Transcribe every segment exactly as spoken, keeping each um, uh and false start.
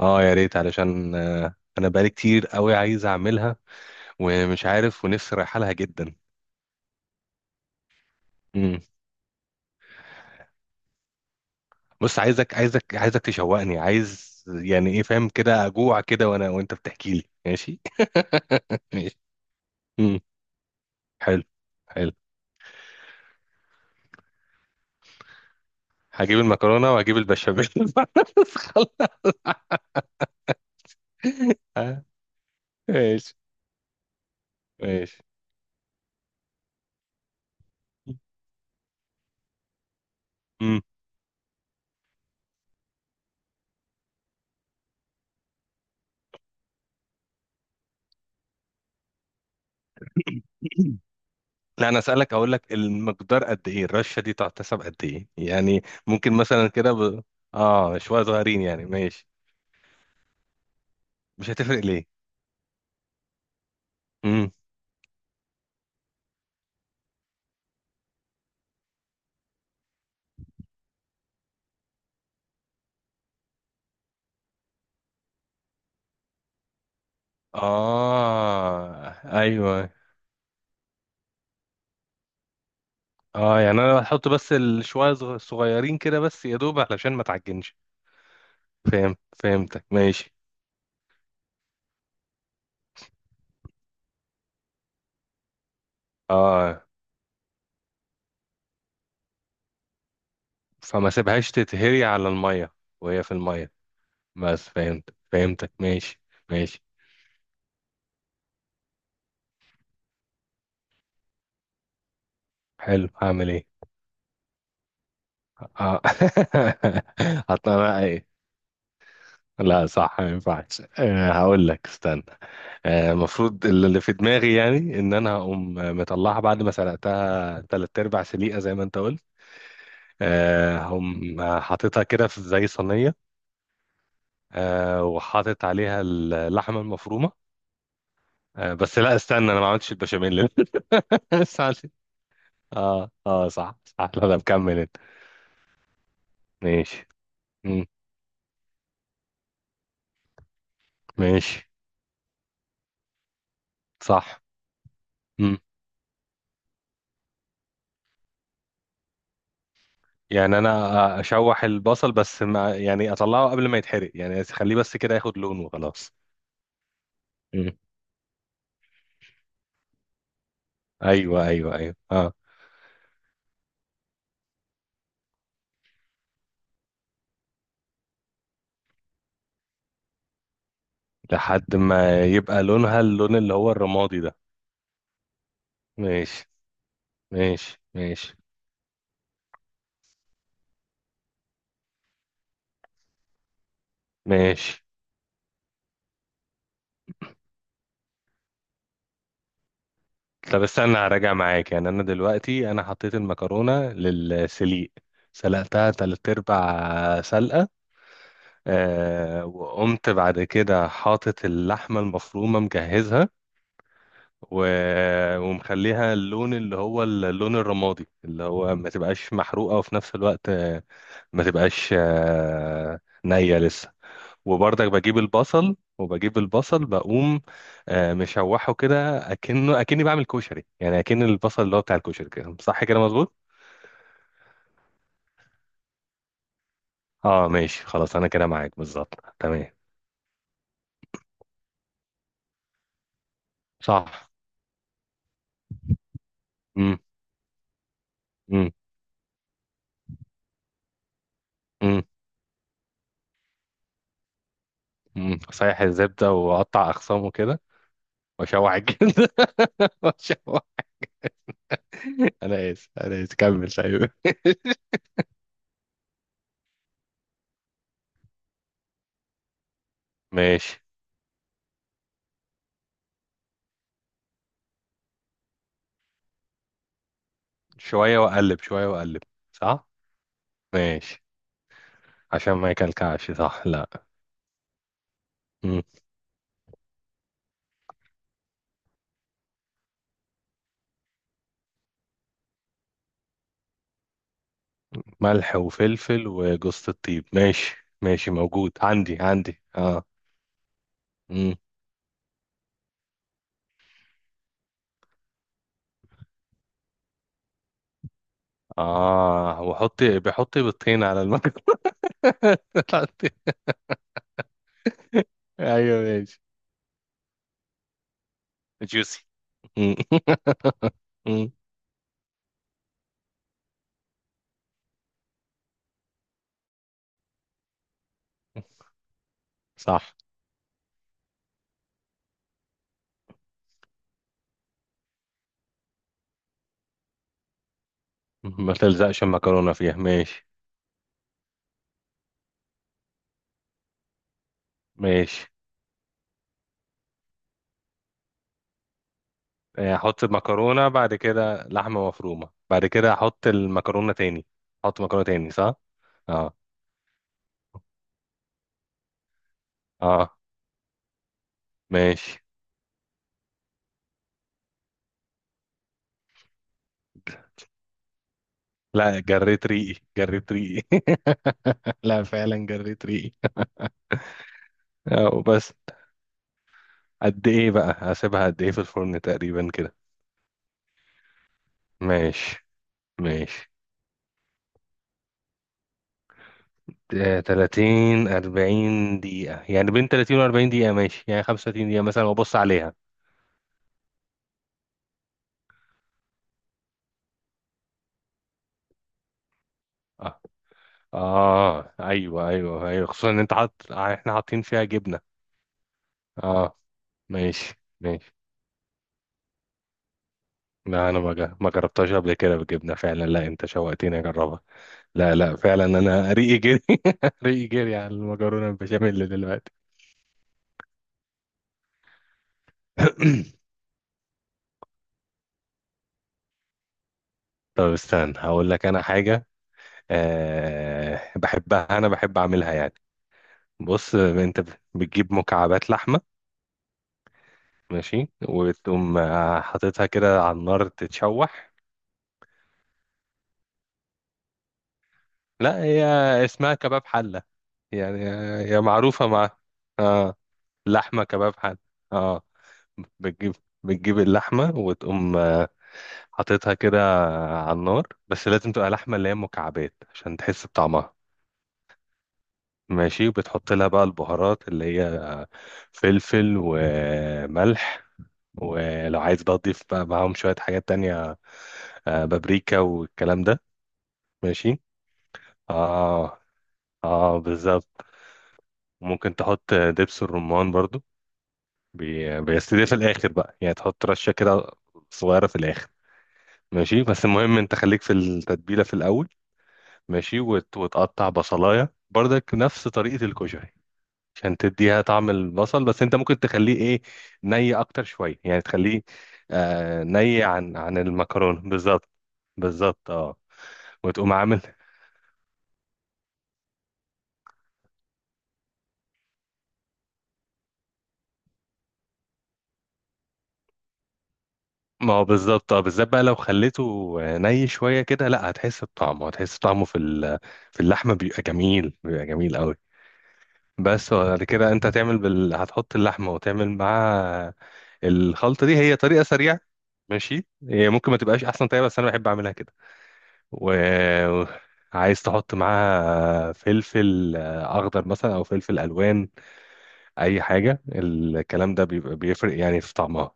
اه، يا ريت. علشان آه، انا بقالي كتير قوي عايز اعملها ومش عارف، ونفسي رايحه لها جدا. امم بص، عايزك عايزك عايزك تشوقني. عايز يعني ايه؟ فاهم كده؟ اجوع كده وانا وانت بتحكي لي، ماشي؟ ماشي. امم حلو، حلو. هجيب المكرونه وهجيب البشاميل. ماشي، ماشي. امم لا، انا اسالك، اقول لك المقدار قد ايه؟ الرشه دي تحتسب قد ايه يعني؟ ممكن مثلا كده ب... اه، شويه صغيرين يعني، ماشي. مش هتفرق ليه؟ امم اه، ايوه. اه يعني انا هحط بس الشوية صغ- صغيرين كده، بس يا دوب علشان ما تعجنش. فاهم، فهمتك، ماشي. اه، فما سيبهاش تتهري على المية وهي في المية. بس فهمت، فهمتك، ماشي. ماشي. حلو. هعمل ايه؟ اه، حط انا ايه. لا صح، ما ينفعش. آه، هقول لك، استنى. آه، المفروض اللي في دماغي يعني، ان انا هقوم مطلعها بعد ما سلقتها تلات ارباع سليقه، زي ما انت قلت. آه، هقوم حاططها كده في زي صينيه. آه، وحاطط عليها اللحمه المفرومه. آه، بس لا استنى، انا ما عملتش البشاميل. لسه عندي- اه، اه، صح، صح. لا انا مكمل انت. ماشي. مم، ماشي. صح. مم. يعني انا اشوح البصل بس، ما يعني اطلعه قبل ما يتحرق، يعني اخليه بس كده ياخد لون وخلاص. مم. ايوه، ايوه، ايوه، اه. لحد ما يبقى لونها اللون اللي هو الرمادي ده. ماشي. ماشي، ماشي. ماشي. طب استنى، هراجع معاك. يعني انا دلوقتي انا حطيت المكرونه للسليق، سلقتها تلات ارباع سلقه. آه، وقمت بعد كده حاطط اللحمه المفرومه، مجهزها. و... ومخليها اللون اللي هو اللون الرمادي، اللي هو ما تبقاش محروقه، وفي نفس الوقت آه، ما تبقاش آه، نيه لسه. وبرضك بجيب البصل، وبجيب البصل بقوم آه، مشوحه كده، اكنه اكني بعمل كشري، يعني اكن البصل اللي هو بتاع الكشري كده، صح كده، مظبوط. اه ماشي، خلاص، انا كده معاك بالظبط، تمام. صح. امم امم امم امم صحيح الزبده، واقطع اخصامه كده، واشوح الجلد واشوح. انا اسف، انا اسف، كمل طيب. ماشي. شويه واقلب، شويه واقلب. صح، ماشي. عشان ما يكلكعش، صح، لا. ملح وفلفل وجوزة الطيب، ماشي. ماشي، موجود عندي، عندي، اه. امم اه، وحط، بحط بيضتين على المكرونة. عندي. ايوه، ماشي. جوسي. صح، ما تلزقش المكرونة فيها، ماشي. ماشي. آه، احط المكرونة، بعد كده لحمة مفرومة، بعد كده احط المكرونة تاني. احط مكرونة تاني، صح. اه. اه ماشي لا جريت ريقي جريت ريقي لا فعلا جريت ريقي اه وبس قد ايه بقى هسيبها قد ايه في الفرن تقريبا كده ماشي ماشي آه، ثلاثين أربعين دقيقة يعني بين ثلاثين و أربعين دقيقة ماشي يعني خمسة وثلاثين دقيقة مثلا وابص عليها اه اه ايوه ايوه ايوه خصوصا ان انت حاطط احنا حاطين فيها جبنة اه، ماشي، ماشي. لا، انا ما جا- ما جربتهاش قبل كده بالجبنة فعلا. لا، انت شوقتني اجربها. لا، لا، فعلا انا ريقي جري. ريقي جري على المكرونة البشاميل دلوقتي. طب استنى، هقول لك انا حاجة. أه، بحبها، انا بحب اعملها يعني. بص انت بتجيب مكعبات لحمة. ماشي. وتقوم آه، حاططها كده على النار تتشوح. لا، هي اسمها كباب حلة. يعني آه، هي معروفة مع. اه. لحمة كباب حلة. اه. بتجيب بتجيب اللحمة، وتقوم آه، حاططها كده على النار. بس لازم تبقى لحمة اللي هي مكعبات، عشان تحس بطعمها. ماشي. بتحط لها بقى البهارات، اللي هي فلفل وملح. ولو عايز بقى تضيف بقى معاهم شوية حاجات تانية، آه، بابريكا والكلام ده. ماشي. اه، اه، بالظبط. ممكن تحط دبس الرمان برضو، بي- بس دي في الآخر بقى، يعني تحط رشة كده صغيرة في الآخر. ماشي، بس المهم انت خليك في التتبيلة في الأول. ماشي، وت- وتقطع بصلاية برضك نفس طريقة الكشري، عشان تديها طعم البصل. بس انت ممكن تخليه ايه، ني اكتر شويه، يعني تخليه آه ني عن عن المكرونه بالظبط. بالظبط، اه. وتقوم عامل، ما هو بالظبط، اه، بالذات بقى لو خليته ني شويه كده، لا هتحس بطعمه، هتحس طعمه في ال- في اللحمه، بيبقى جميل، بيبقى جميل قوي. بس. وبعد كده انت هتعمل بال... هتحط اللحمه وتعمل معاها الخلطه دي. هي طريقه سريعه، ماشي. هي ممكن ما تبقاش احسن طريقه، بس انا بحب اعملها كده. وعايز تحط معاها فلفل آه، اخضر مثلا، او فلفل الوان، اي حاجه، الكلام ده بيبقى بيفرق يعني في طعمها.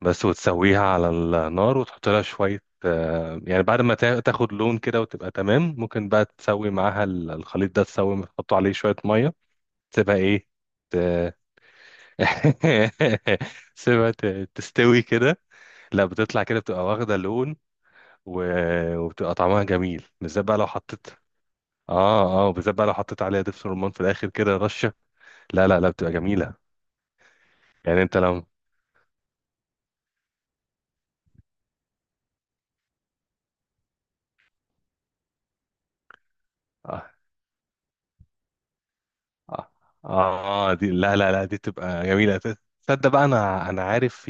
بس. وتسويها على النار، وتحط لها شويه، آه، يعني بعد ما تا- تاخد لون كده وتبقى تمام. ممكن بقى تسوي معاها ال- الخليط ده، تسوي تحط عليه شويه ميه، تسيبها ايه، ت- تسيبها ت- تستوي كده. لا، بتطلع كده، بتبقى واخده لون و... وبتبقى طعمها جميل. بالذات بقى لو حطيت. اه، اه، وبالذات بقى لو حطيت عليها دبس رمان في الاخر كده، رشه، لا لا لا، بتبقى جميله. يعني انت لو. اه. اه، آه، دي لا لا لا، دي بتبقى جميله. ت- تصدق بقى، انا انا عارف في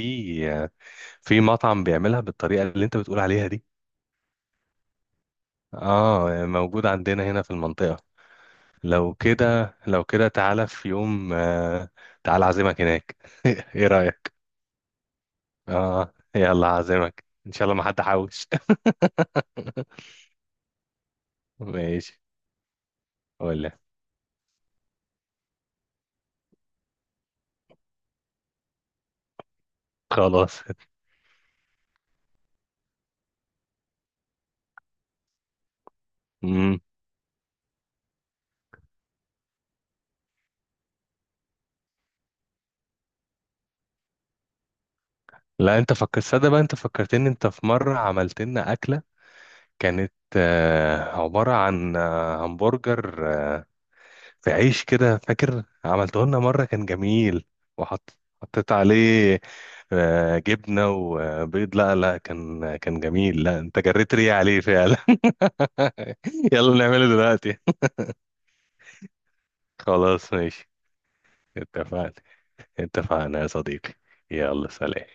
في مطعم بيعملها بالطريقه اللي انت بتقول عليها دي. اه، موجود عندنا هنا في المنطقه. لو كده، لو كده، تعالى في يوم، آه، تعالى اعزمك هناك. ايه رايك؟ اه، يلا اعزمك ان شاء الله ما حد حوش. ماشي. ولا خلاص. مم. لا، انت فكرت، صدق بقى، انت فكرتني. انت في مرة عملت لنا أكلة كانت آه، عبارة عن آه، همبرجر آه، في عيش كده، فاكر؟ عملته لنا مرة، كان جميل. وحط، حطيت عليه آه، جبنة وبيض. لا لا، كان، كان جميل، لا انت جريت ريقي عليه فعلا. يلا نعمله دلوقتي. خلاص، ماشي. اتفقنا. اتفقنا يا صديقي. يلا سلام.